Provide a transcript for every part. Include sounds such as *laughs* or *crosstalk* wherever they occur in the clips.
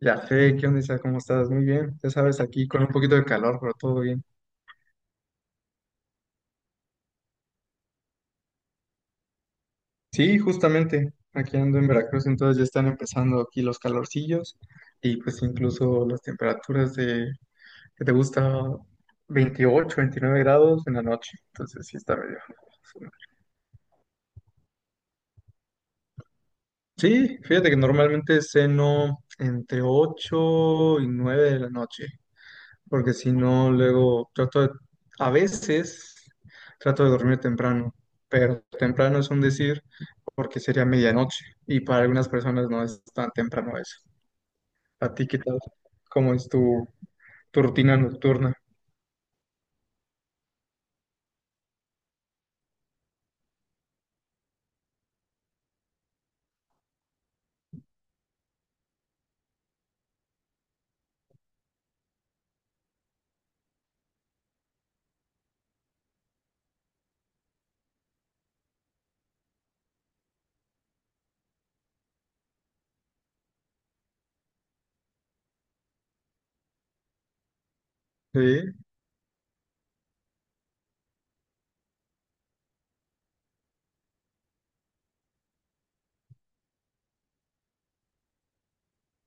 Ya fe, ¿qué onda, Isa? ¿Cómo estás? Muy bien, ya sabes, aquí con un poquito de calor, pero todo bien. Sí, justamente, aquí ando en Veracruz, entonces ya están empezando aquí los calorcillos y pues incluso las temperaturas de, que te gusta, 28, 29 grados en la noche, entonces sí está medio. Sí, fíjate que normalmente ceno entre 8 y 9 de la noche, porque si no, luego a veces trato de dormir temprano, pero temprano es un decir porque sería medianoche y para algunas personas no es tan temprano eso. ¿A ti qué tal? ¿Cómo es tu rutina nocturna? Sí,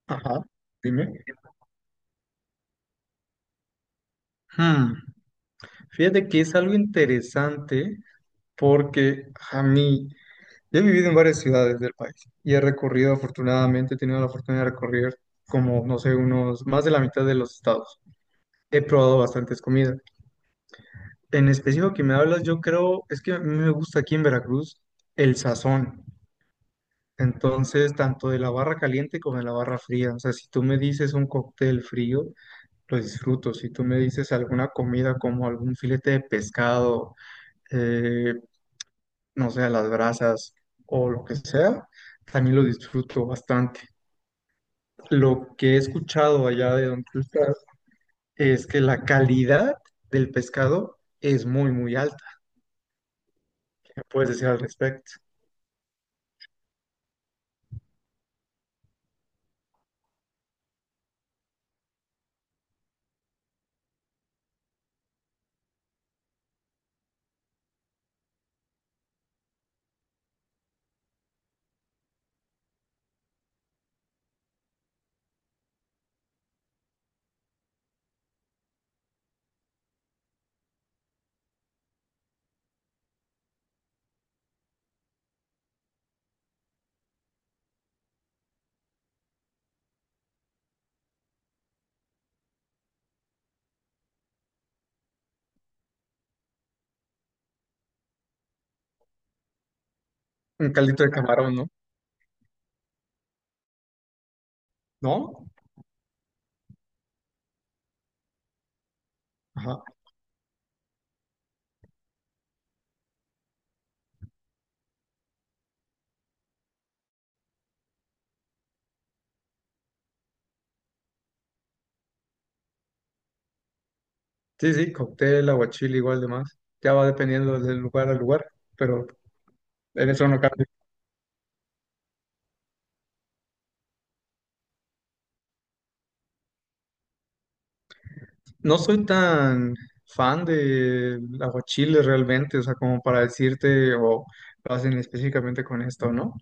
ajá, dime. Hmm, Fíjate que es algo interesante porque a mí, yo he vivido en varias ciudades del país y afortunadamente, he tenido la fortuna de recorrer como, no sé, unos más de la mitad de los estados. He probado bastantes comidas. En específico que me hablas, yo creo, es que a mí me gusta aquí en Veracruz el sazón. Entonces, tanto de la barra caliente como de la barra fría. O sea, si tú me dices un cóctel frío, lo disfruto. Si tú me dices alguna comida como algún filete de pescado, eh, no sé, a las brasas o lo que sea, también lo disfruto bastante. Lo que he escuchado allá de donde tú estás es que la calidad del pescado es muy, muy alta. ¿Puedes decir al respecto? Un caldito de camarón, ¿no? ¿No? Ajá. Sí, sí, cóctel, aguachile, igual de más. Ya va dependiendo del lugar al lugar, pero en eso no cambia. No soy tan fan del aguachile realmente, o sea, como para decirte o lo hacen específicamente con esto, ¿no?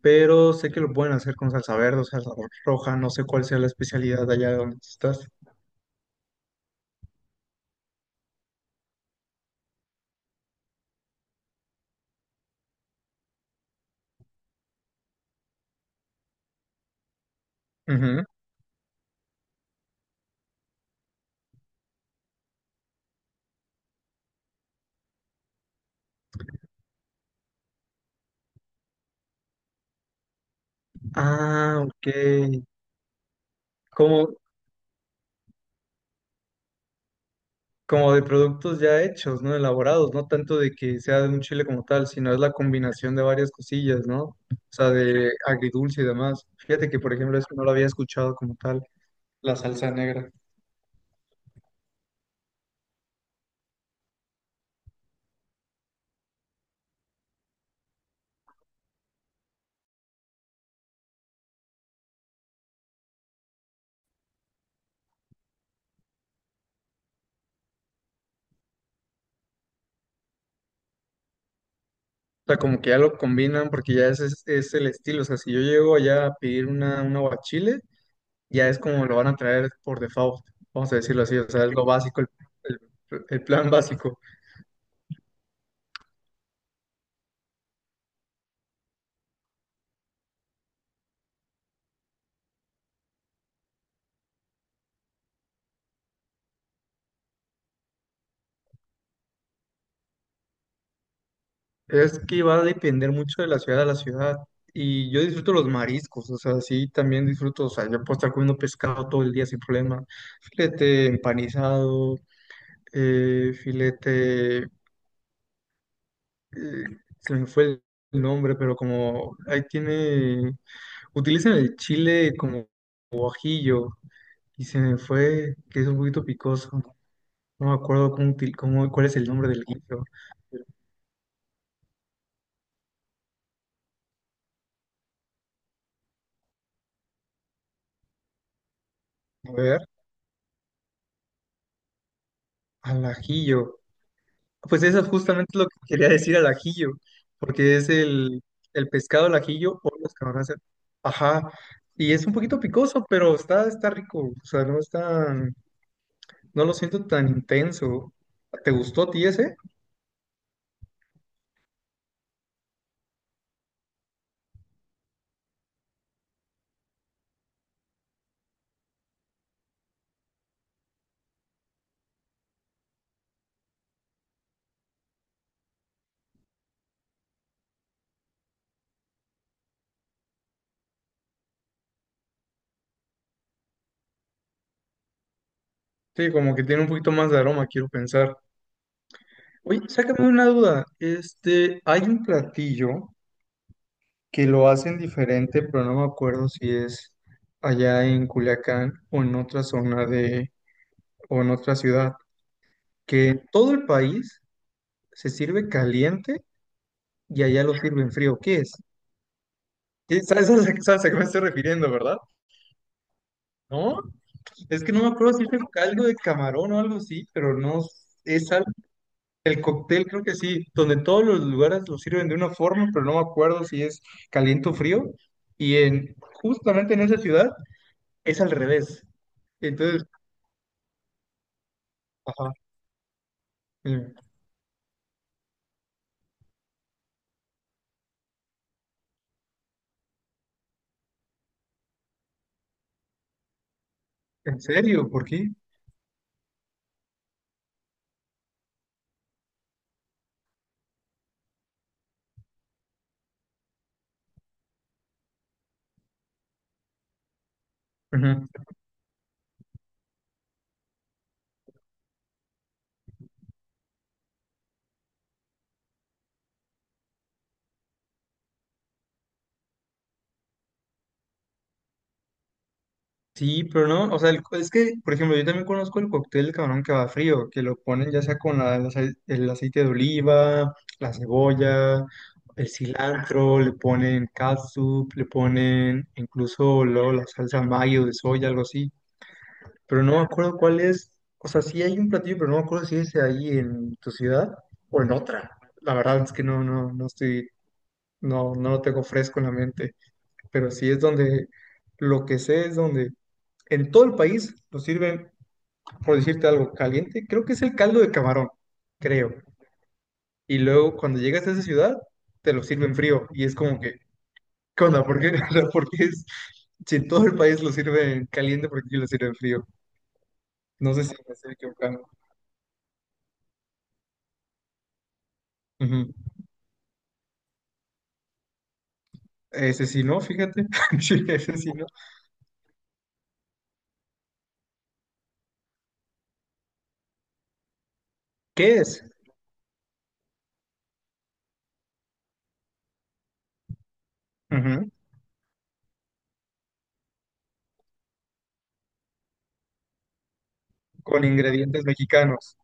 Pero sé que lo pueden hacer con salsa verde o salsa roja, no sé cuál sea la especialidad de allá de donde tú estás. Ujú. Ah, ok. ¿Cómo, como de productos ya hechos, ¿no? Elaborados, no tanto de que sea de un chile como tal, sino es la combinación de varias cosillas, ¿no? O sea, de agridulce y demás. Fíjate que, por ejemplo, eso no lo había escuchado como tal, la salsa negra. O sea, como que ya lo combinan porque ya ese es el estilo. O sea, si yo llego allá a pedir un aguachile, ya es como lo van a traer por default, vamos a decirlo así. O sea, es lo básico, el- el plan básico. Es que va a depender mucho de la ciudad a la ciudad. Y yo disfruto los mariscos, o sea, sí, también disfruto, o sea, yo puedo estar comiendo pescado todo el día sin problema. Filete empanizado, filete, se me fue el nombre, pero como ahí tiene, utilizan el chile como ajillo y se me fue, que es un poquito picoso. No me acuerdo cuál es el nombre del guillo. A ver, al ajillo. Pues eso justamente es lo que quería decir al ajillo, porque es el pescado al ajillo o los camarones. Ajá, y es un poquito picoso, pero está rico, o sea, no es tan, no lo siento tan intenso. ¿Te gustó a ti ese? Sí, como que tiene un poquito más de aroma, quiero pensar. Oye, sácame una duda, hay un platillo que lo hacen diferente, pero no me acuerdo si es allá en Culiacán o en otra zona de, o en otra ciudad que en todo el país se sirve caliente y allá lo sirven frío. ¿Qué es? ¿Sabes a qué me estoy refiriendo, ¿verdad? No, es que no me acuerdo si es el caldo de camarón o algo así, pero no es el cóctel, creo que sí, donde todos los lugares lo sirven de una forma, pero no me acuerdo si es caliente o frío. Y en justamente en esa ciudad es al revés. Entonces, ajá, eh, ¿en serio? ¿Por qué? Sí, pero no, o sea, es que, por ejemplo, yo también conozco el cóctel de camarón que va frío, que lo ponen ya sea con el aceite de oliva, la cebolla, el cilantro, le ponen catsup, le ponen incluso luego la salsa mayo de soya, algo así. Pero no me acuerdo cuál es, o sea, sí hay un platillo, pero no me acuerdo si es ahí en tu ciudad o en otra. La verdad es que no, no, no estoy, no, no lo tengo fresco en la mente, pero sí es lo que sé es donde en todo el país lo sirven, por decirte algo, caliente. Creo que es el caldo de camarón, creo. Y luego cuando llegas a esa ciudad, te lo sirven frío. Y es como que, ¿qué onda? ¿Por qué? *laughs* O sea, ¿por qué es, si en todo el país lo sirven caliente, ¿por qué lo sirven frío? No sé si me estoy equivocando. Ujú. Ese sí no, fíjate. *laughs* Sí, ese sí no. ¿Qué es? Ujú. Con ingredientes mexicanos.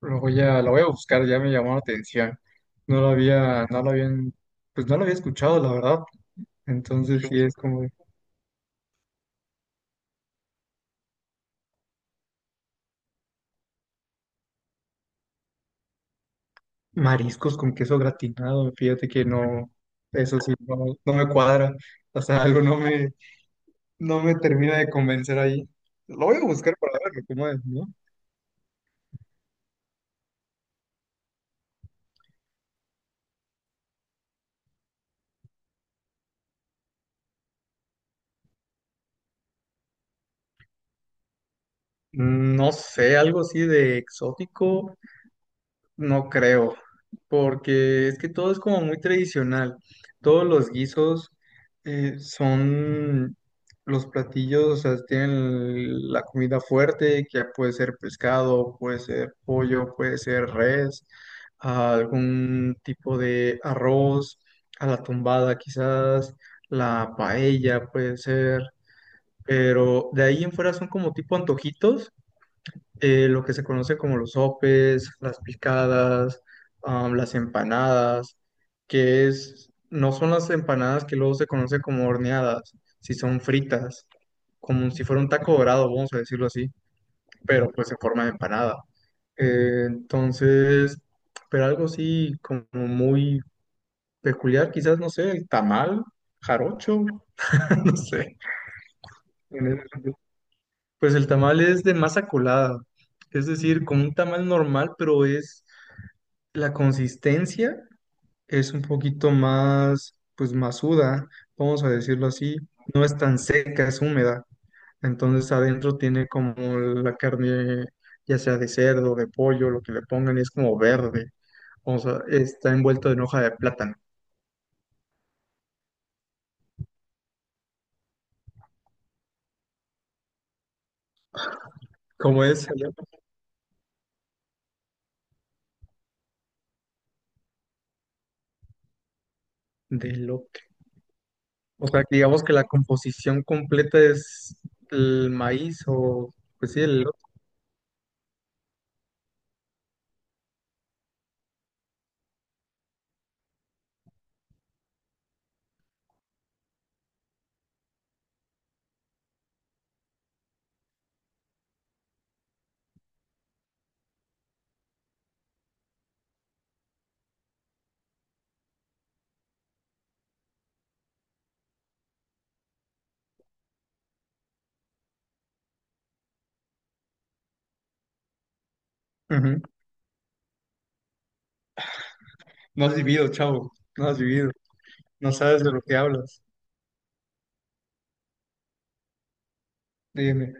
Lo voy a buscar, ya me llamó la atención. No lo había, no lo habían, pues no lo había escuchado, la verdad. Entonces sí es como, mariscos con queso gratinado, fíjate que no, eso sí, no, no me cuadra, o sea, algo no me termina de convencer ahí. Lo voy a buscar para verlo, cómo es, ¿no? No sé, algo así de exótico, no creo, porque es que todo es como muy tradicional. Todos los guisos son los platillos, o sea, tienen la comida fuerte, que puede ser pescado, puede ser pollo, puede ser res, algún tipo de arroz, a la tumbada quizás, la paella puede ser, pero de ahí en fuera son como tipo antojitos lo que se conoce como los sopes, las picadas, las empanadas, no son las empanadas que luego se conoce como horneadas, si son fritas, como si fuera un taco dorado, vamos a decirlo así, pero pues en forma de empanada. Entonces, pero algo así como muy peculiar, quizás, no sé, el tamal, jarocho, *laughs* no sé. En ese sentido. Pues el tamal es de masa colada, es decir, como un tamal normal, pero es la consistencia es un poquito más, pues, masuda, vamos a decirlo así. No es tan seca, es húmeda. Entonces adentro tiene como la carne, ya sea de cerdo, de pollo, lo que le pongan, y es como verde. O sea, está envuelto en hoja de plátano. ¿Cómo es allá? De elote. O sea, digamos que la composición completa es el maíz o, pues sí, el elote. Ujú. No has vivido, chavo. No has vivido. No sabes de lo que hablas. Dime.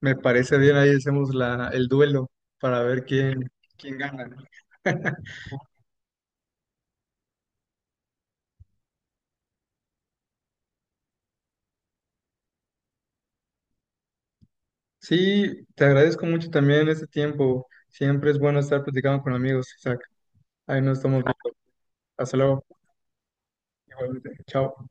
Me parece bien, ahí hacemos el duelo para ver quién gana, ¿no? Sí, te agradezco mucho también este tiempo. Siempre es bueno estar platicando con amigos, Isaac. Ahí nos estamos viendo. Hasta luego. Igualmente. Chao.